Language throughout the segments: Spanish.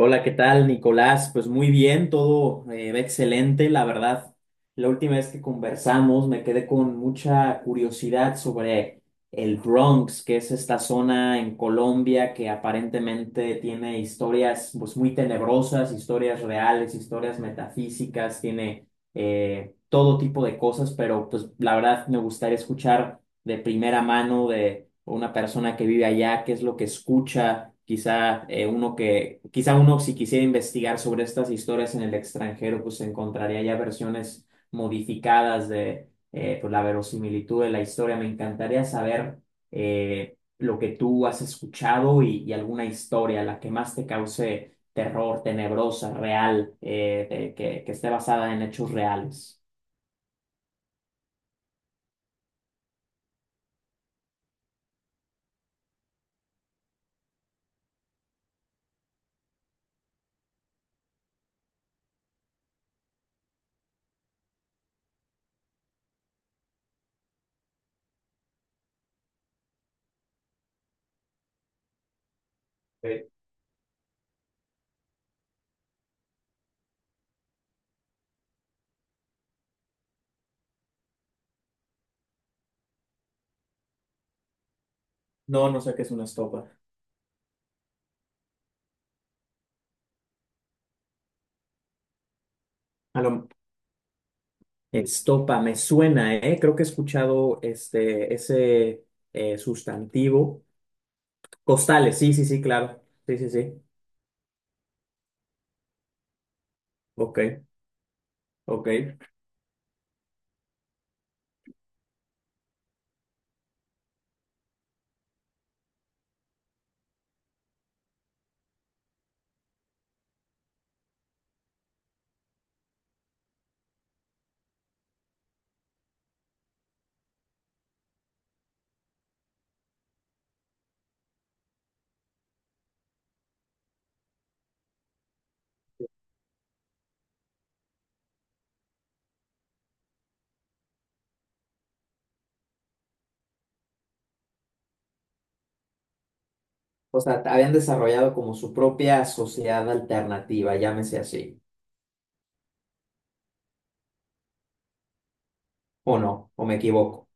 Hola, ¿qué tal, Nicolás? Pues muy bien, todo va excelente, la verdad. La última vez que conversamos me quedé con mucha curiosidad sobre el Bronx, que es esta zona en Colombia que aparentemente tiene historias, pues, muy tenebrosas, historias reales, historias metafísicas, tiene todo tipo de cosas, pero pues la verdad me gustaría escuchar de primera mano de una persona que vive allá, qué es lo que escucha, quizá uno que, quizá uno si quisiera investigar sobre estas historias en el extranjero, pues encontraría ya versiones modificadas de pues, la verosimilitud de la historia. Me encantaría saber lo que tú has escuchado y alguna historia, la que más te cause terror, tenebrosa, real, que esté basada en hechos reales. Eh, No, no sé qué es una estopa. A lo, Estopa, me suena, ¿eh? Creo que he escuchado este, ese sustantivo. Costales, sí, sí, sí, claro. Sí, sí, sí. Ok, ok. O sea, habían desarrollado como su propia sociedad alternativa, llámese así. ¿O no? ¿O me equivoco?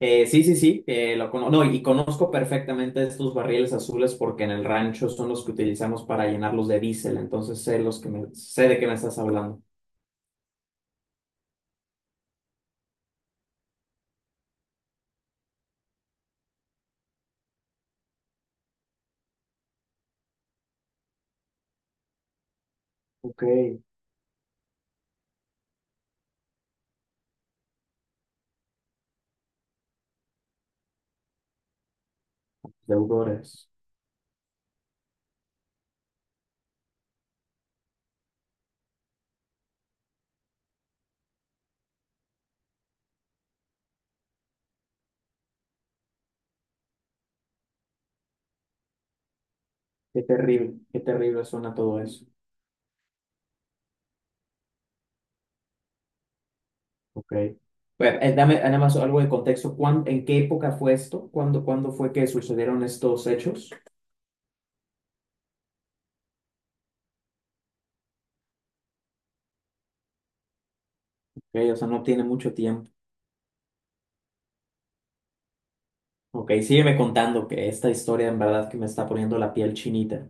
Sí, sí, sí, no, y conozco perfectamente estos barriles azules porque en el rancho son los que utilizamos para llenarlos de diésel, entonces sé los que me, sé de qué me estás hablando. Ok, deudores. Qué terrible suena todo eso. Ok. Bueno, dame nada más algo de contexto. ¿En qué época fue esto? ¿Cuándo, cuándo fue que sucedieron estos hechos? Ok, o sea, no tiene mucho tiempo. Ok, sígueme contando que esta historia en verdad que me está poniendo la piel chinita.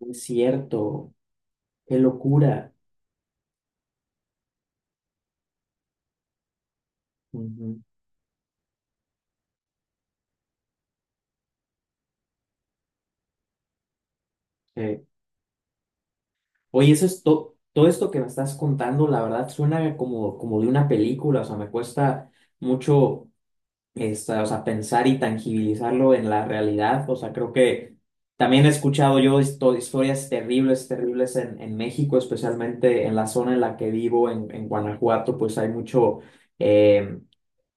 No. Es cierto, qué locura. Ujú, sí. Oye, todo esto que me estás contando, la verdad suena como, como de una película, o sea, me cuesta mucho esta, o sea, pensar y tangibilizarlo en la realidad. O sea, creo que también he escuchado yo historias terribles, terribles en México, especialmente en la zona en la que vivo, en Guanajuato, pues hay mucho, eh,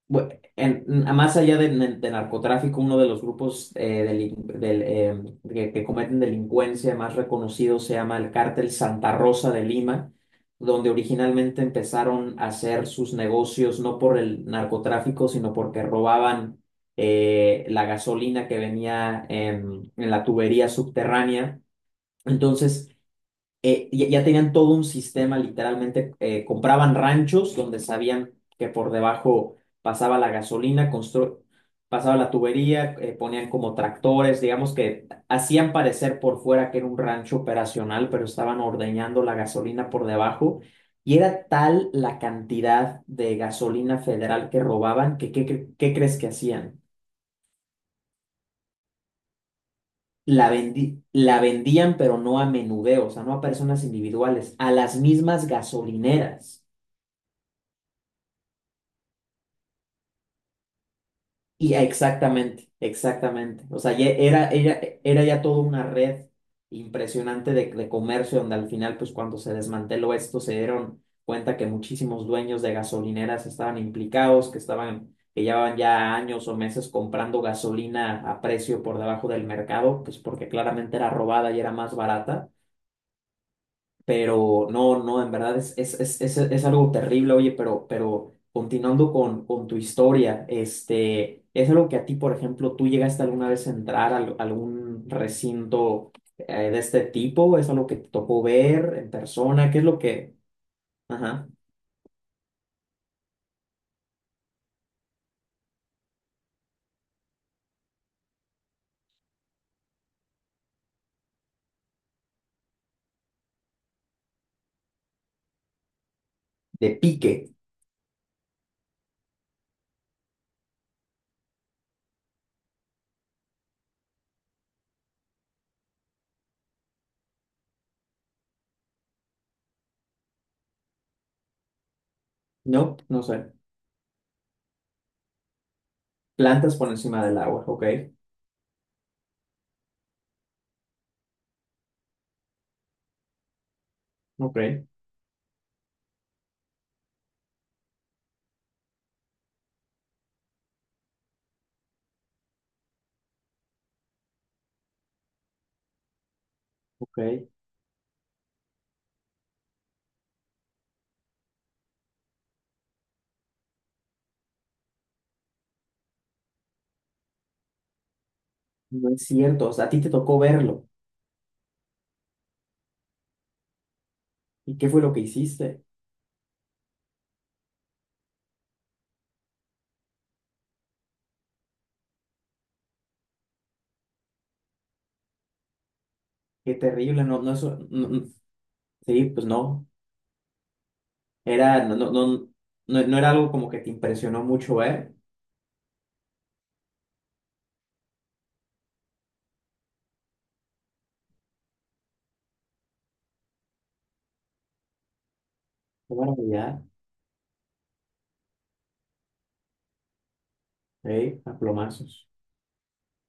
bu- en- más allá de narcotráfico, uno de los grupos que cometen delincuencia más reconocidos, se llama el Cártel Santa Rosa de Lima, donde originalmente empezaron a hacer sus negocios no por el narcotráfico, sino porque robaban la gasolina que venía en la tubería subterránea. Entonces, ya tenían todo un sistema, literalmente compraban ranchos donde sabían que por debajo pasaba la gasolina, pasaba la tubería, ponían como tractores, digamos que hacían parecer por fuera que era un rancho operacional, pero estaban ordeñando la gasolina por debajo. Y era tal la cantidad de gasolina federal que robaban que, ¿qué, qué crees que hacían? La vendían, pero no a menudeo, o sea, no a personas individuales, a las mismas gasolineras. Y exactamente, exactamente. O sea, era ya toda una red impresionante de comercio donde al final, pues cuando se desmanteló esto, se dieron cuenta que muchísimos dueños de gasolineras estaban implicados, que estaban, que llevaban ya años o meses comprando gasolina a precio por debajo del mercado, pues porque claramente era robada y era más barata. Pero no, no, en verdad es algo terrible, oye, pero continuando con tu historia, este, ¿es algo que a ti, por ejemplo, tú llegaste alguna vez a entrar a, algún recinto de este tipo? ¿Es algo que te tocó ver en persona? ¿Qué es lo que, ajá, de pique, no? No sé, plantas por encima del agua, ok, ok, ok, no es cierto, o sea, a ti te tocó verlo, ¿y qué fue lo que hiciste? Qué terrible, no, no, eso, no, no, sí, pues no. Era, no, no, no, no, no era algo como que te impresionó mucho ver. Qué maravilla, ¿eh? A plomazos.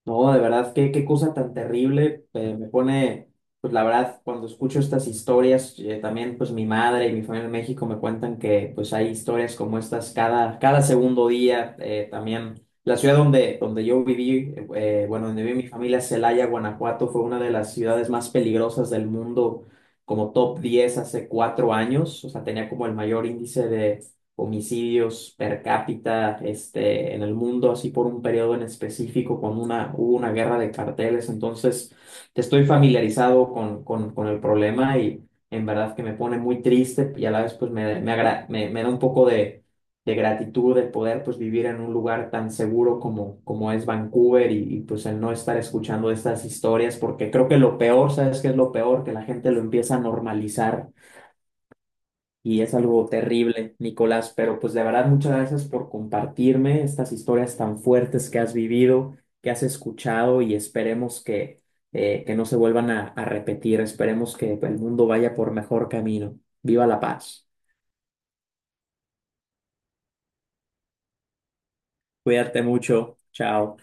No, de verdad, qué, qué cosa tan terrible. Me pone, pues la verdad, cuando escucho estas historias, también pues mi madre y mi familia en México me cuentan que pues hay historias como estas cada, cada segundo día. También la ciudad donde, donde yo viví, bueno, donde viví mi familia, Celaya, Guanajuato, fue una de las ciudades más peligrosas del mundo, como top 10 hace 4 años. O sea, tenía como el mayor índice de homicidios per cápita este, en el mundo, así por un periodo en específico, cuando hubo una guerra de carteles. Entonces, estoy familiarizado con el problema y en verdad que me pone muy triste y a la vez pues me, me, me da un poco de gratitud de poder pues vivir en un lugar tan seguro como, como es Vancouver pues el no estar escuchando estas historias porque creo que lo peor, ¿sabes qué es lo peor? Que la gente lo empieza a normalizar y es algo terrible, Nicolás, pero pues de verdad muchas gracias por compartirme estas historias tan fuertes que has vivido, que has escuchado y esperemos que no se vuelvan a repetir, esperemos que el mundo vaya por mejor camino. Viva la paz. Cuídate mucho. Chao.